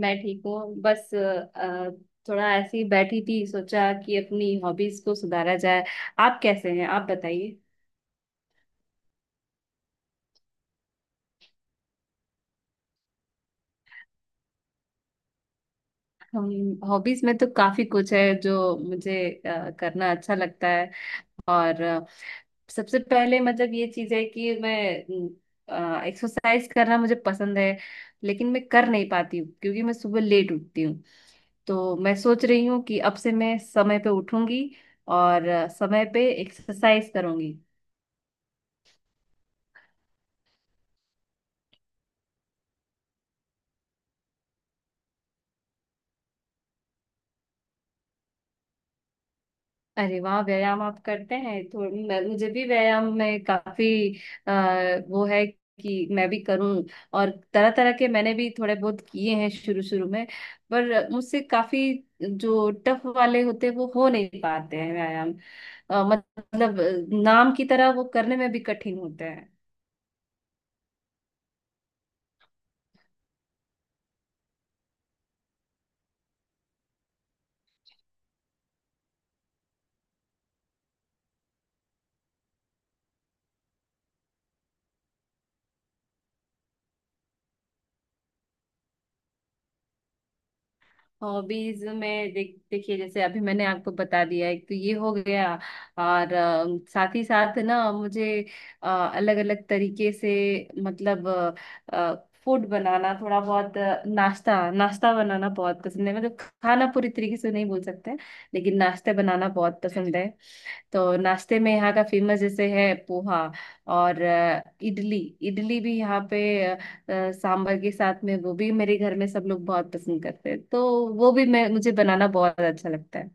मैं ठीक हूँ। बस थोड़ा ऐसे ही बैठी थी, सोचा कि अपनी हॉबीज को सुधारा जाए। आप कैसे हैं, आप बताइए। हम, हॉबीज में तो काफी कुछ है जो मुझे करना अच्छा लगता है। और सबसे पहले मतलब ये चीज है कि मैं एक्सरसाइज करना मुझे पसंद है, लेकिन मैं कर नहीं पाती हूँ क्योंकि मैं सुबह लेट उठती हूँ। तो मैं सोच रही हूँ कि अब से मैं समय पे उठूंगी और समय पे एक्सरसाइज करूंगी। अरे वाह, व्यायाम आप करते हैं तो मुझे भी व्यायाम में काफी आ, वो है कि मैं भी करूं। और तरह तरह के मैंने भी थोड़े बहुत किए हैं शुरू शुरू में, पर मुझसे काफी जो टफ वाले होते हैं वो हो नहीं पाते हैं व्यायाम। मतलब नाम की तरह वो करने में भी कठिन होते हैं। हॉबीज में देखिए, जैसे अभी मैंने आपको बता दिया, एक तो ये हो गया। और साथ ही साथ ना मुझे अलग अलग तरीके से मतलब फूड बनाना थोड़ा बहुत नाश्ता नाश्ता बनाना बहुत पसंद है। मतलब खाना पूरी तरीके से नहीं बोल सकते, लेकिन नाश्ता बनाना बहुत पसंद है। तो नाश्ते में यहाँ का फेमस जैसे है पोहा और इडली। इडली भी यहाँ पे सांभर के साथ में, वो भी मेरे घर में सब लोग बहुत पसंद करते हैं, तो वो भी मैं मुझे बनाना बहुत अच्छा लगता है।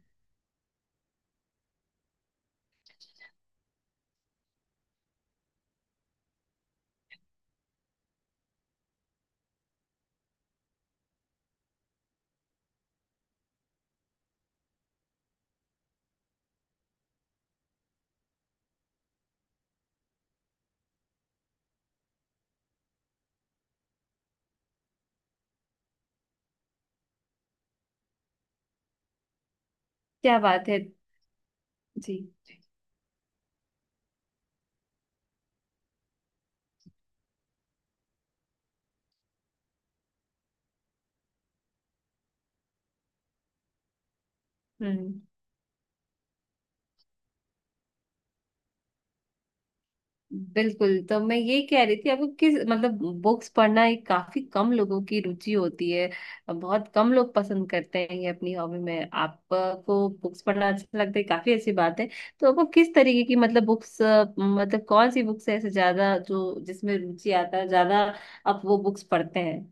क्या बात है। जी। हम्म। बिल्कुल। तो मैं ये कह रही थी आपको, किस मतलब बुक्स पढ़ना एक काफी कम लोगों की रुचि होती है। बहुत कम लोग पसंद करते हैं ये, अपनी हॉबी में आपको बुक्स पढ़ना अच्छा लगता है, काफी अच्छी बात है। तो आपको किस तरीके की मतलब बुक्स, मतलब कौन सी बुक्स है ऐसे ज्यादा जो, जिसमें रुचि आता है ज्यादा आप वो बुक्स पढ़ते हैं।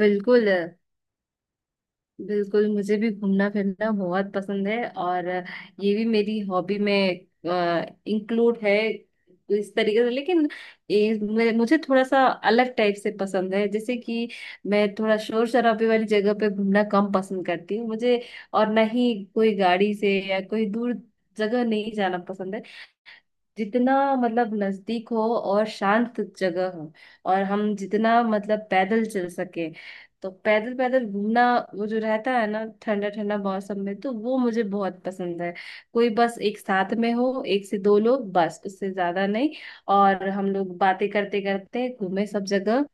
बिल्कुल, बिल्कुल मुझे भी घूमना फिरना बहुत पसंद है, और ये भी मेरी हॉबी में इंक्लूड है इस तरीके से। लेकिन ये मुझे थोड़ा सा अलग टाइप से पसंद है। जैसे कि मैं थोड़ा शोर शराबे वाली जगह पे घूमना कम पसंद करती हूँ मुझे, और ना ही कोई गाड़ी से या कोई दूर जगह नहीं जाना पसंद है। जितना मतलब नजदीक हो और शांत जगह हो और हम जितना मतलब पैदल चल सके, तो पैदल पैदल घूमना, वो जो रहता है ना ठंडा ठंडा मौसम में, तो वो मुझे बहुत पसंद है। कोई बस एक साथ में हो, एक से दो लोग, बस उससे ज्यादा नहीं। और हम लोग बातें करते करते घूमे सब जगह,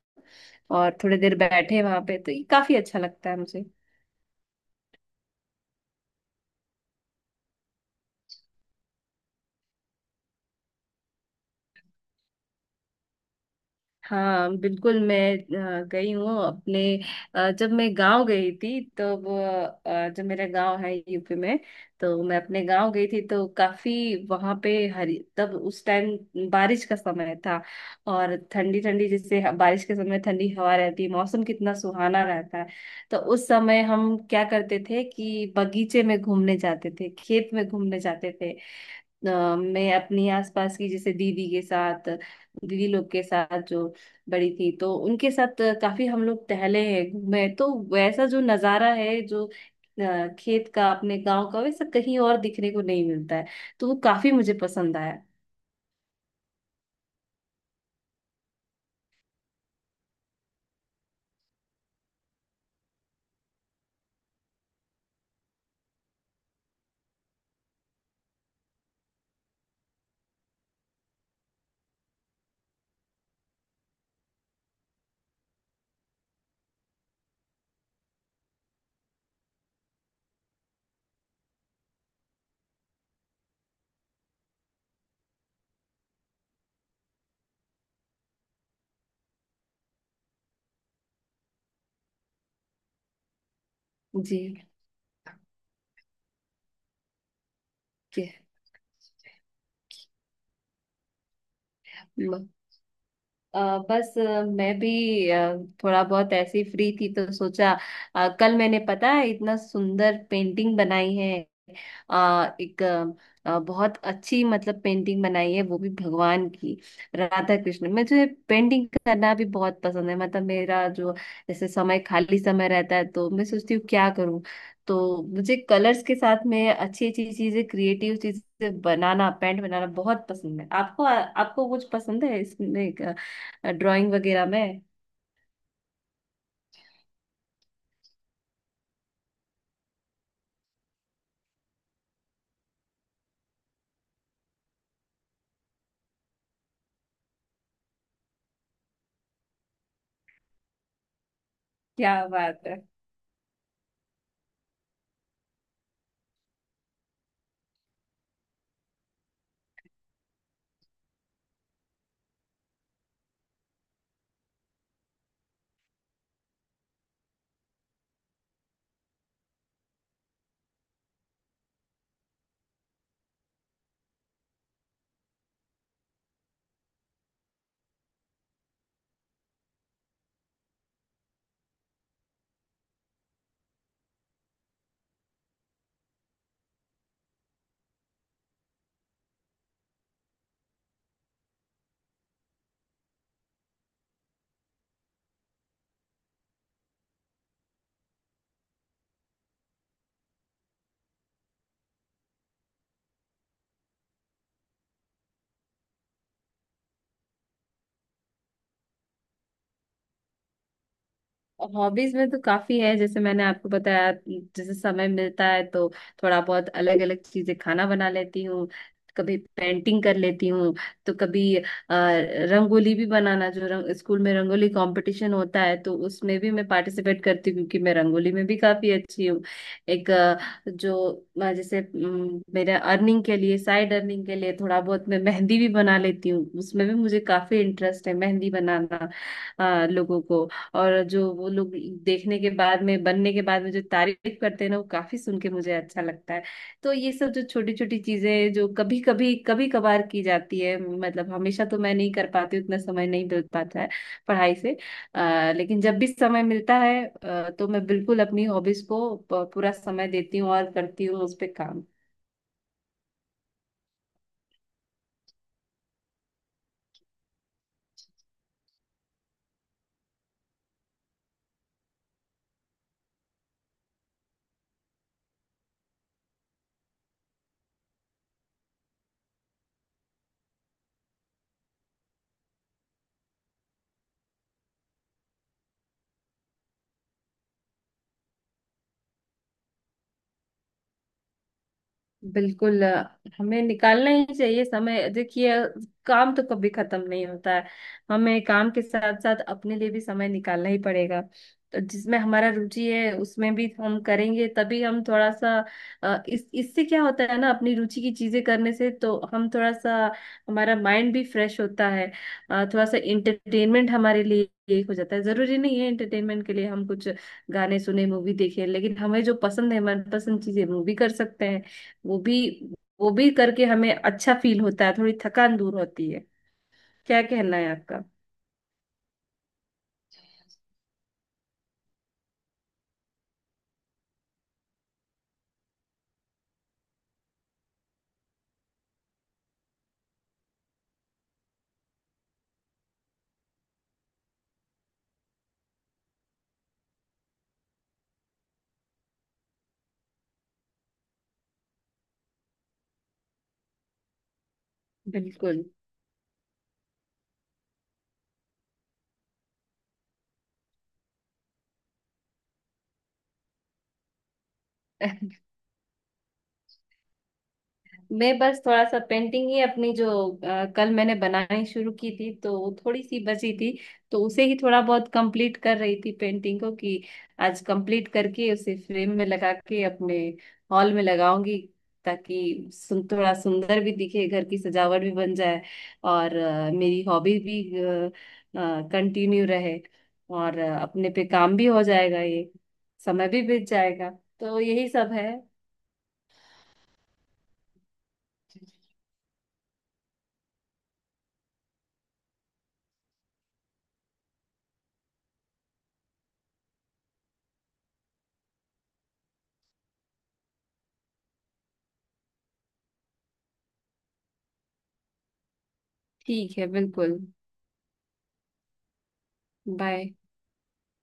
और थोड़ी देर बैठे वहां पे, तो ये काफी अच्छा लगता है। हाँ बिल्कुल, मैं गई हूँ अपने जब मैं गांव गई थी तब। जो मेरा गांव है यूपी में, तो मैं अपने गांव गई थी तो काफी वहां पे हरी, तब उस टाइम बारिश का समय था। और ठंडी ठंडी जैसे बारिश के समय ठंडी हवा रहती है, मौसम कितना सुहाना रहता है। तो उस समय हम क्या करते थे कि बगीचे में घूमने जाते थे, खेत में घूमने जाते थे। अ, मैं अपनी आसपास की जैसे दीदी के साथ, दीदी लोग के साथ जो बड़ी थी, तो उनके साथ काफी हम लोग टहले हैं, घूमे हैं। तो वैसा जो नजारा है जो खेत का, अपने गांव का, वैसा कहीं और दिखने को नहीं मिलता है, तो वो काफी मुझे पसंद आया। जी। के- म- अ, बस मैं भी थोड़ा बहुत ऐसे ही फ्री थी, तो सोचा कल मैंने, पता है, इतना सुंदर पेंटिंग बनाई है। एक बहुत अच्छी मतलब पेंटिंग बनाई है, वो भी भगवान की, राधा कृष्ण। मुझे पेंटिंग करना भी बहुत पसंद है। मतलब मेरा जो जैसे समय खाली समय रहता है, तो मैं सोचती हूँ क्या करूँ, तो मुझे कलर्स के साथ में अच्छी अच्छी चीजें, क्रिएटिव चीजें बनाना, पेंट बनाना बहुत पसंद है। आपको, आपको कुछ पसंद है इसमें, ड्राइंग वगैरह में? क्या बात है। हॉबीज में तो काफी है, जैसे मैंने आपको बताया, जैसे समय मिलता है तो थोड़ा बहुत अलग अलग चीजें खाना बना लेती हूँ, कभी पेंटिंग कर लेती हूँ, तो कभी रंगोली भी बनाना। जो रंग, स्कूल में रंगोली कंपटीशन होता है, तो उसमें भी मैं पार्टिसिपेट करती हूँ क्योंकि मैं रंगोली में भी काफी अच्छी हूँ। एक जो जैसे मेरे अर्निंग के लिए, साइड अर्निंग के लिए, थोड़ा बहुत मैं मेहंदी भी बना लेती हूँ। उसमें भी मुझे काफी इंटरेस्ट है, मेहंदी बनाना लोगों को। और जो वो लोग देखने के बाद में, बनने के बाद में जो तारीफ करते हैं ना, वो काफी सुन के मुझे अच्छा लगता है। तो ये सब जो छोटी छोटी चीजें जो कभी कभी, कभी कभार की जाती है, मतलब हमेशा तो मैं नहीं कर पाती हूँ, उतना समय नहीं मिल पाता है पढ़ाई से। लेकिन जब भी समय मिलता है तो मैं बिल्कुल अपनी हॉबीज को पूरा समय देती हूँ और करती हूँ उस पे काम। बिल्कुल, हमें निकालना ही चाहिए समय। देखिए, काम तो कभी खत्म नहीं होता है। हमें काम के साथ साथ अपने लिए भी समय निकालना ही पड़ेगा। तो जिसमें हमारा रुचि है उसमें भी हम करेंगे, तभी हम थोड़ा सा इस इससे क्या होता है ना, अपनी रुचि की चीजें करने से तो हम थोड़ा सा, हमारा माइंड भी फ्रेश होता है। थोड़ा सा इंटरटेनमेंट हमारे लिए एक हो जाता है। जरूरी नहीं है इंटरटेनमेंट के लिए हम कुछ गाने सुने, मूवी देखे, लेकिन हमें जो पसंद है, मनपसंद चीजें, मूवी कर सकते हैं वो भी, करके हमें अच्छा फील होता है, थोड़ी थकान दूर होती है। क्या कहना है आपका? बिल्कुल। मैं बस थोड़ा सा पेंटिंग ही, अपनी जो कल मैंने बनानी शुरू की थी, तो वो थोड़ी सी बची थी, तो उसे ही थोड़ा बहुत कंप्लीट कर रही थी, पेंटिंग को कि आज कंप्लीट करके उसे फ्रेम में लगा के अपने हॉल में लगाऊंगी, ताकि सुन थोड़ा सुंदर भी दिखे, घर की सजावट भी बन जाए, और मेरी हॉबी भी कंटिन्यू रहे, और अपने पे काम भी हो जाएगा, ये समय भी बीत जाएगा। तो यही सब है। ठीक है, बिल्कुल। बाय।